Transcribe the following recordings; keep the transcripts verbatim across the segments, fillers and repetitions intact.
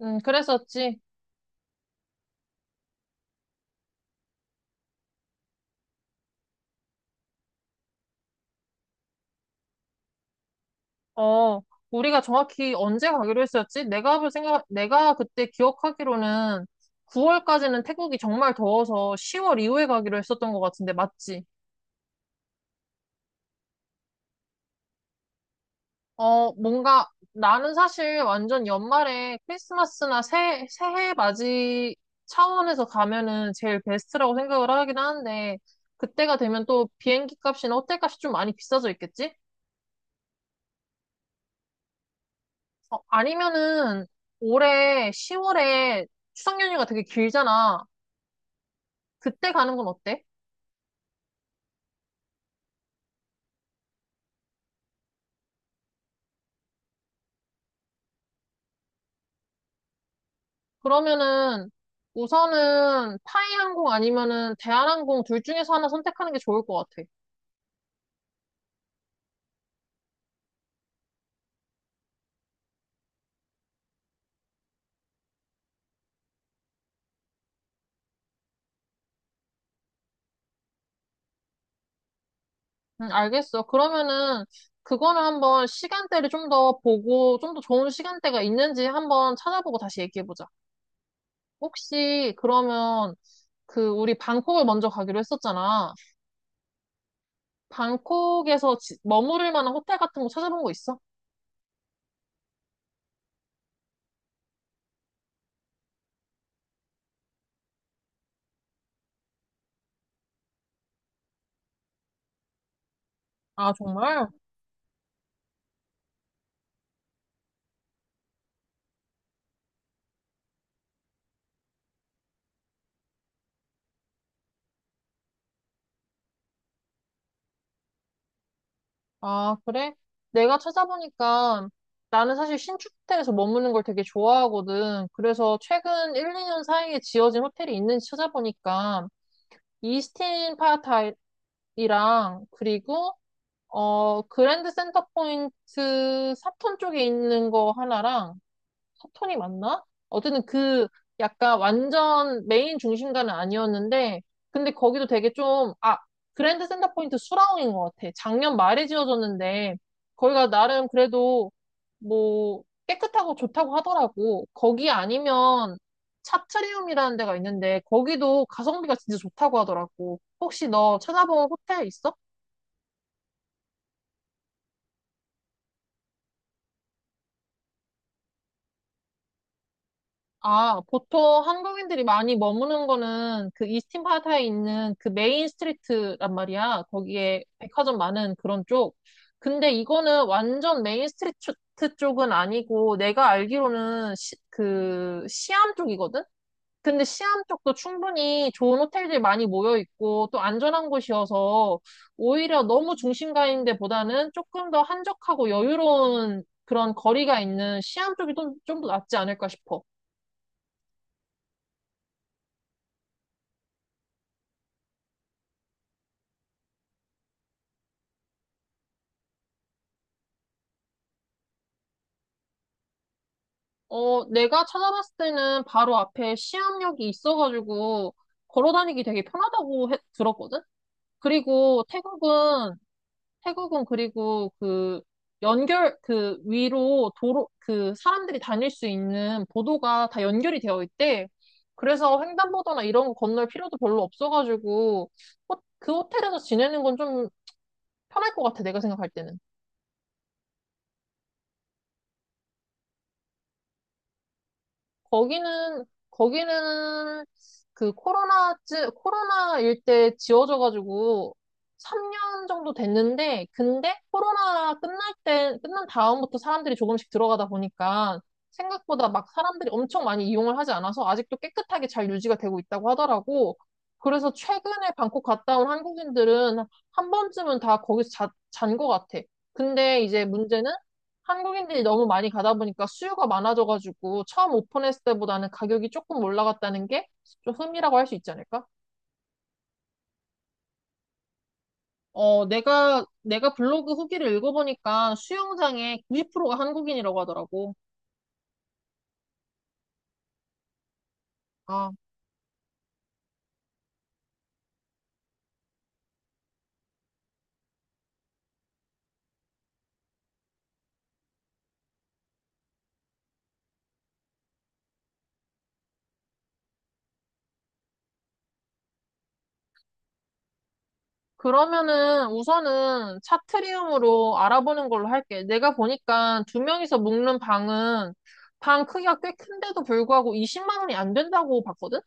음, 그랬었지. 어, 우리가 정확히 언제 가기로 했었지? 내가 볼 생각, 내가 그때 기억하기로는 구 월까지는 태국이 정말 더워서 시 월 이후에 가기로 했었던 것 같은데, 맞지? 어, 뭔가 나는 사실 완전 연말에 크리스마스나 새, 새해 맞이 차원에서 가면은 제일 베스트라고 생각을 하긴 하는데, 그때가 되면 또 비행기 값이나 호텔 값이 좀 많이 비싸져 있겠지? 어, 아니면은 올해 시 월에 추석 연휴가 되게 길잖아. 그때 가는 건 어때? 그러면은 우선은 타이 항공 아니면은 대한항공 둘 중에서 하나 선택하는 게 좋을 것 같아. 응, 알겠어. 그러면은 그거는 한번 시간대를 좀 더 보고 좀 더 좋은 시간대가 있는지 한번 찾아보고 다시 얘기해보자. 혹시 그러면 그 우리 방콕을 먼저 가기로 했었잖아. 방콕에서 지- 머무를 만한 호텔 같은 거 찾아본 거 있어? 아, 정말? 아, 그래? 내가 찾아보니까 나는 사실 신축 호텔에서 머무는 걸 되게 좋아하거든. 그래서 최근 일, 이 년 사이에 지어진 호텔이 있는지 찾아보니까 이스틴 파타이랑 그리고 어 그랜드 센터 포인트 사톤 쪽에 있는 거 하나랑 사톤이 맞나? 어쨌든 그 약간 완전 메인 중심가는 아니었는데, 근데 거기도 되게 좀, 아, 그랜드 센터포인트 수라웅인 것 같아. 작년 말에 지어졌는데, 거기가 나름 그래도 뭐 깨끗하고 좋다고 하더라고. 거기 아니면 차트리움이라는 데가 있는데, 거기도 가성비가 진짜 좋다고 하더라고. 혹시 너 찾아본 호텔 있어? 아, 보통 한국인들이 많이 머무는 거는 그 이스틴 파타에 있는 그 메인 스트리트란 말이야. 거기에 백화점 많은 그런 쪽. 근데 이거는 완전 메인 스트리트 쪽은 아니고 내가 알기로는 시, 그 시암 쪽이거든? 근데 시암 쪽도 충분히 좋은 호텔들이 많이 모여 있고 또 안전한 곳이어서 오히려 너무 중심가인 데보다는 조금 더 한적하고 여유로운 그런 거리가 있는 시암 쪽이 좀, 좀더 낫지 않을까 싶어. 어, 내가 찾아봤을 때는 바로 앞에 시암역이 있어가지고 걸어 다니기 되게 편하다고 해- 들었거든? 그리고 태국은, 태국은 그리고 그 연결, 그 위로 도로, 그 사람들이 다닐 수 있는 보도가 다 연결이 되어 있대. 그래서 횡단보도나 이런 거 건널 필요도 별로 없어가지고 호- 그 호텔에서 지내는 건 좀 편할 것 같아, 내가 생각할 때는. 거기는, 거기는 그 코로나, 코로나일 때 지어져가지고 삼 년 정도 됐는데, 근데 코로나 끝날 때, 끝난 다음부터 사람들이 조금씩 들어가다 보니까 생각보다 막 사람들이 엄청 많이 이용을 하지 않아서 아직도 깨끗하게 잘 유지가 되고 있다고 하더라고. 그래서 최근에 방콕 갔다 온 한국인들은 한 번쯤은 다 거기서 자, 잔것 같아. 근데 이제 문제는 한국인들이 너무 많이 가다 보니까 수요가 많아져가지고 처음 오픈했을 때보다는 가격이 조금 올라갔다는 게 좀 흠이라고 할 수 있지 않을까? 어, 내가, 내가 블로그 후기를 읽어보니까 수영장의 구십 퍼센트가 한국인이라고 하더라고. 아, 그러면은 우선은 차트리움으로 알아보는 걸로 할게. 내가 보니까 두 명이서 묵는 방은 방 크기가 꽤 큰데도 불구하고 이십만 원이 안 된다고 봤거든?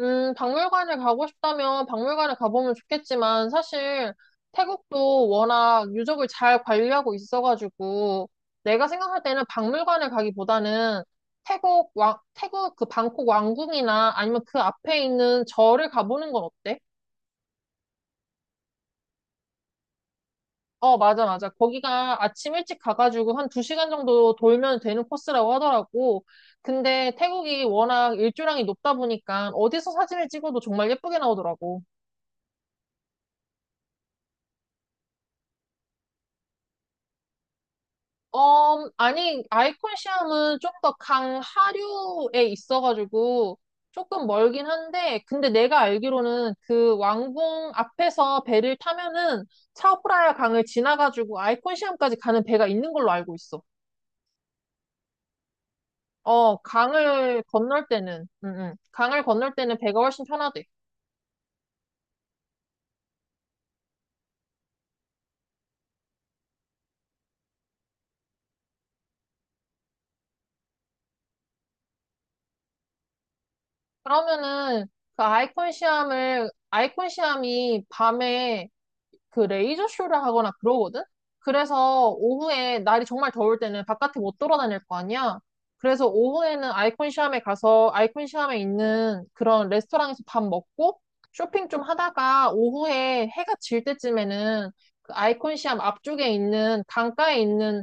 음, 박물관을 가고 싶다면 박물관을 가보면 좋겠지만 사실 태국도 워낙 유적을 잘 관리하고 있어가지고 내가 생각할 때는 박물관을 가기보다는 태국 왕, 태국 그 방콕 왕궁이나 아니면 그 앞에 있는 절을 가보는 건 어때? 어, 맞아, 맞아. 거기가 아침 일찍 가가지고 한 두시간 정도 돌면 되는 코스라고 하더라고. 근데 태국이 워낙 일조량이 높다 보니까 어디서 사진을 찍어도 정말 예쁘게 나오더라고. 어, 아니, 아이콘 시험은 좀 더 강하류에 있어가지고 조금 멀긴 한데, 근데 내가 알기로는 그 왕궁 앞에서 배를 타면은 차오프라야 강을 지나가지고 아이콘 시험까지 가는 배가 있는 걸로 알고 있어. 어, 강을 건널 때는, 응, 응. 강을 건널 때는 배가 훨씬 편하대. 그러면은 그 아이콘 시험을 아이콘 시험이 밤에 그 레이저 쇼를 하거나 그러거든? 그래서 오후에 날이 정말 더울 때는 바깥에 못 돌아다닐 거 아니야? 그래서 오후에는 아이콘 시암에 가서 아이콘 시암에 있는 그런 레스토랑에서 밥 먹고 쇼핑 좀 하다가 오후에 해가 질 때쯤에는 그 아이콘 시암 앞쪽에 있는 강가에 있는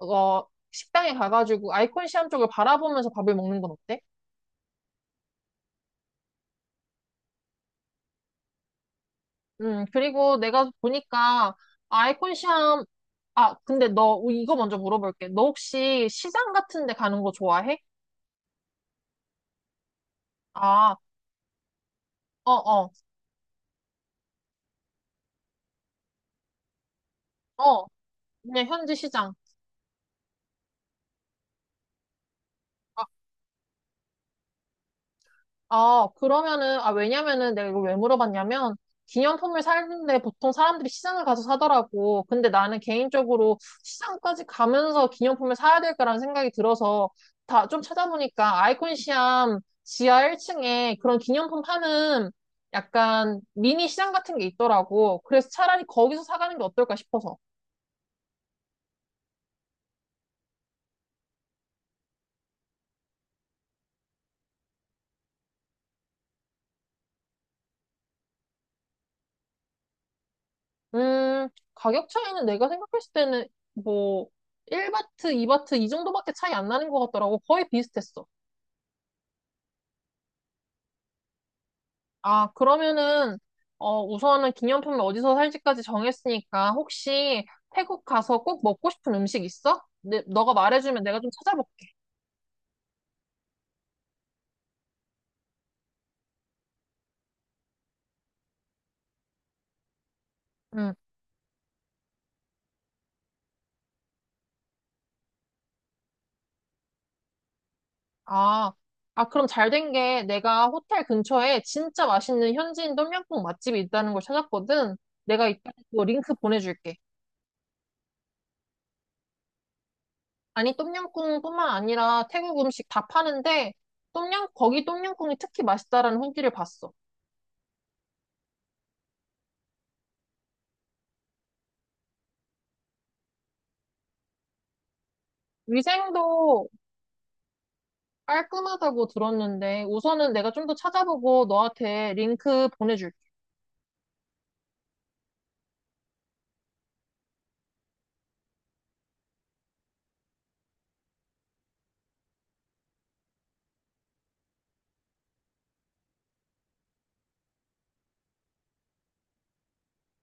어 식당에 가가지고 아이콘 시암 쪽을 바라보면서 밥을 먹는 건 어때? 음, 그리고 내가 보니까 아이콘 시험, 아, 근데 너 이거 먼저 물어볼게. 너 혹시 시장 같은 데 가는 거 좋아해? 아, 어, 어, 어, 그냥 현지 시장. 어, 아, 그러면은, 아, 왜냐면은 내가 이걸 왜 물어봤냐면, 기념품을 사는데 보통 사람들이 시장을 가서 사더라고. 근데 나는 개인적으로 시장까지 가면서 기념품을 사야 될까라는 생각이 들어서 다 좀 찾아보니까 아이콘시암 지하 일 층에 그런 기념품 파는 약간 미니 시장 같은 게 있더라고. 그래서 차라리 거기서 사가는 게 어떨까 싶어서. 음, 가격 차이는 내가 생각했을 때는 뭐, 일 바트, 이 바트 이 바트 이 정도밖에 차이 안 나는 것 같더라고. 거의 비슷했어. 아, 그러면은, 어, 우선은 기념품을 어디서 살지까지 정했으니까, 혹시 태국 가서 꼭 먹고 싶은 음식 있어? 네, 너가 말해주면 내가 좀 찾아볼게. 응. 아, 아, 그럼 잘 된 게 내가 호텔 근처에 진짜 맛있는 현지인 똠양꿍 맛집이 있다는 걸 찾았거든. 내가 이따 그 링크 보내줄게. 아니, 똠양꿍뿐만 아니라 태국 음식 다 파는데, 똠양, 거기 똠양꿍이 특히 맛있다라는 후기를 봤어. 위생도 깔끔하다고 들었는데 우선은 내가 좀 더 찾아보고 너한테 링크 보내줄게.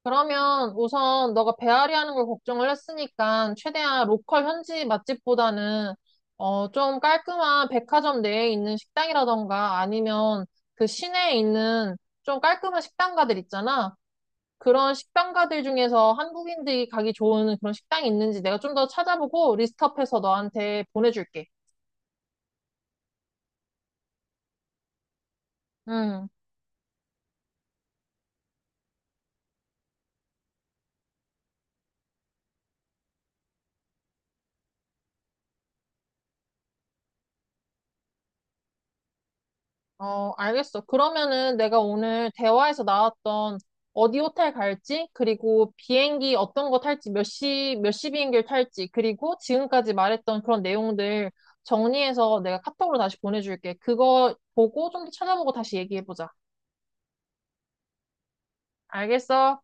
그러면 우선 너가 배앓이 하는 걸 걱정을 했으니까 최대한 로컬 현지 맛집보다는 어, 좀 깔끔한 백화점 내에 있는 식당이라던가 아니면 그 시내에 있는 좀 깔끔한 식당가들 있잖아. 그런 식당가들 중에서 한국인들이 가기 좋은 그런 식당이 있는지 내가 좀 더 찾아보고 리스트업해서 너한테 보내줄게. 음. 어, 알겠어. 그러면은 내가 오늘 대화에서 나왔던 어디 호텔 갈지, 그리고 비행기 어떤 거 탈지, 몇 시, 몇 시 비행기를 탈지, 그리고 지금까지 말했던 그런 내용들 정리해서 내가 카톡으로 다시 보내줄게. 그거 보고 좀 더 찾아보고 다시 얘기해보자. 알겠어?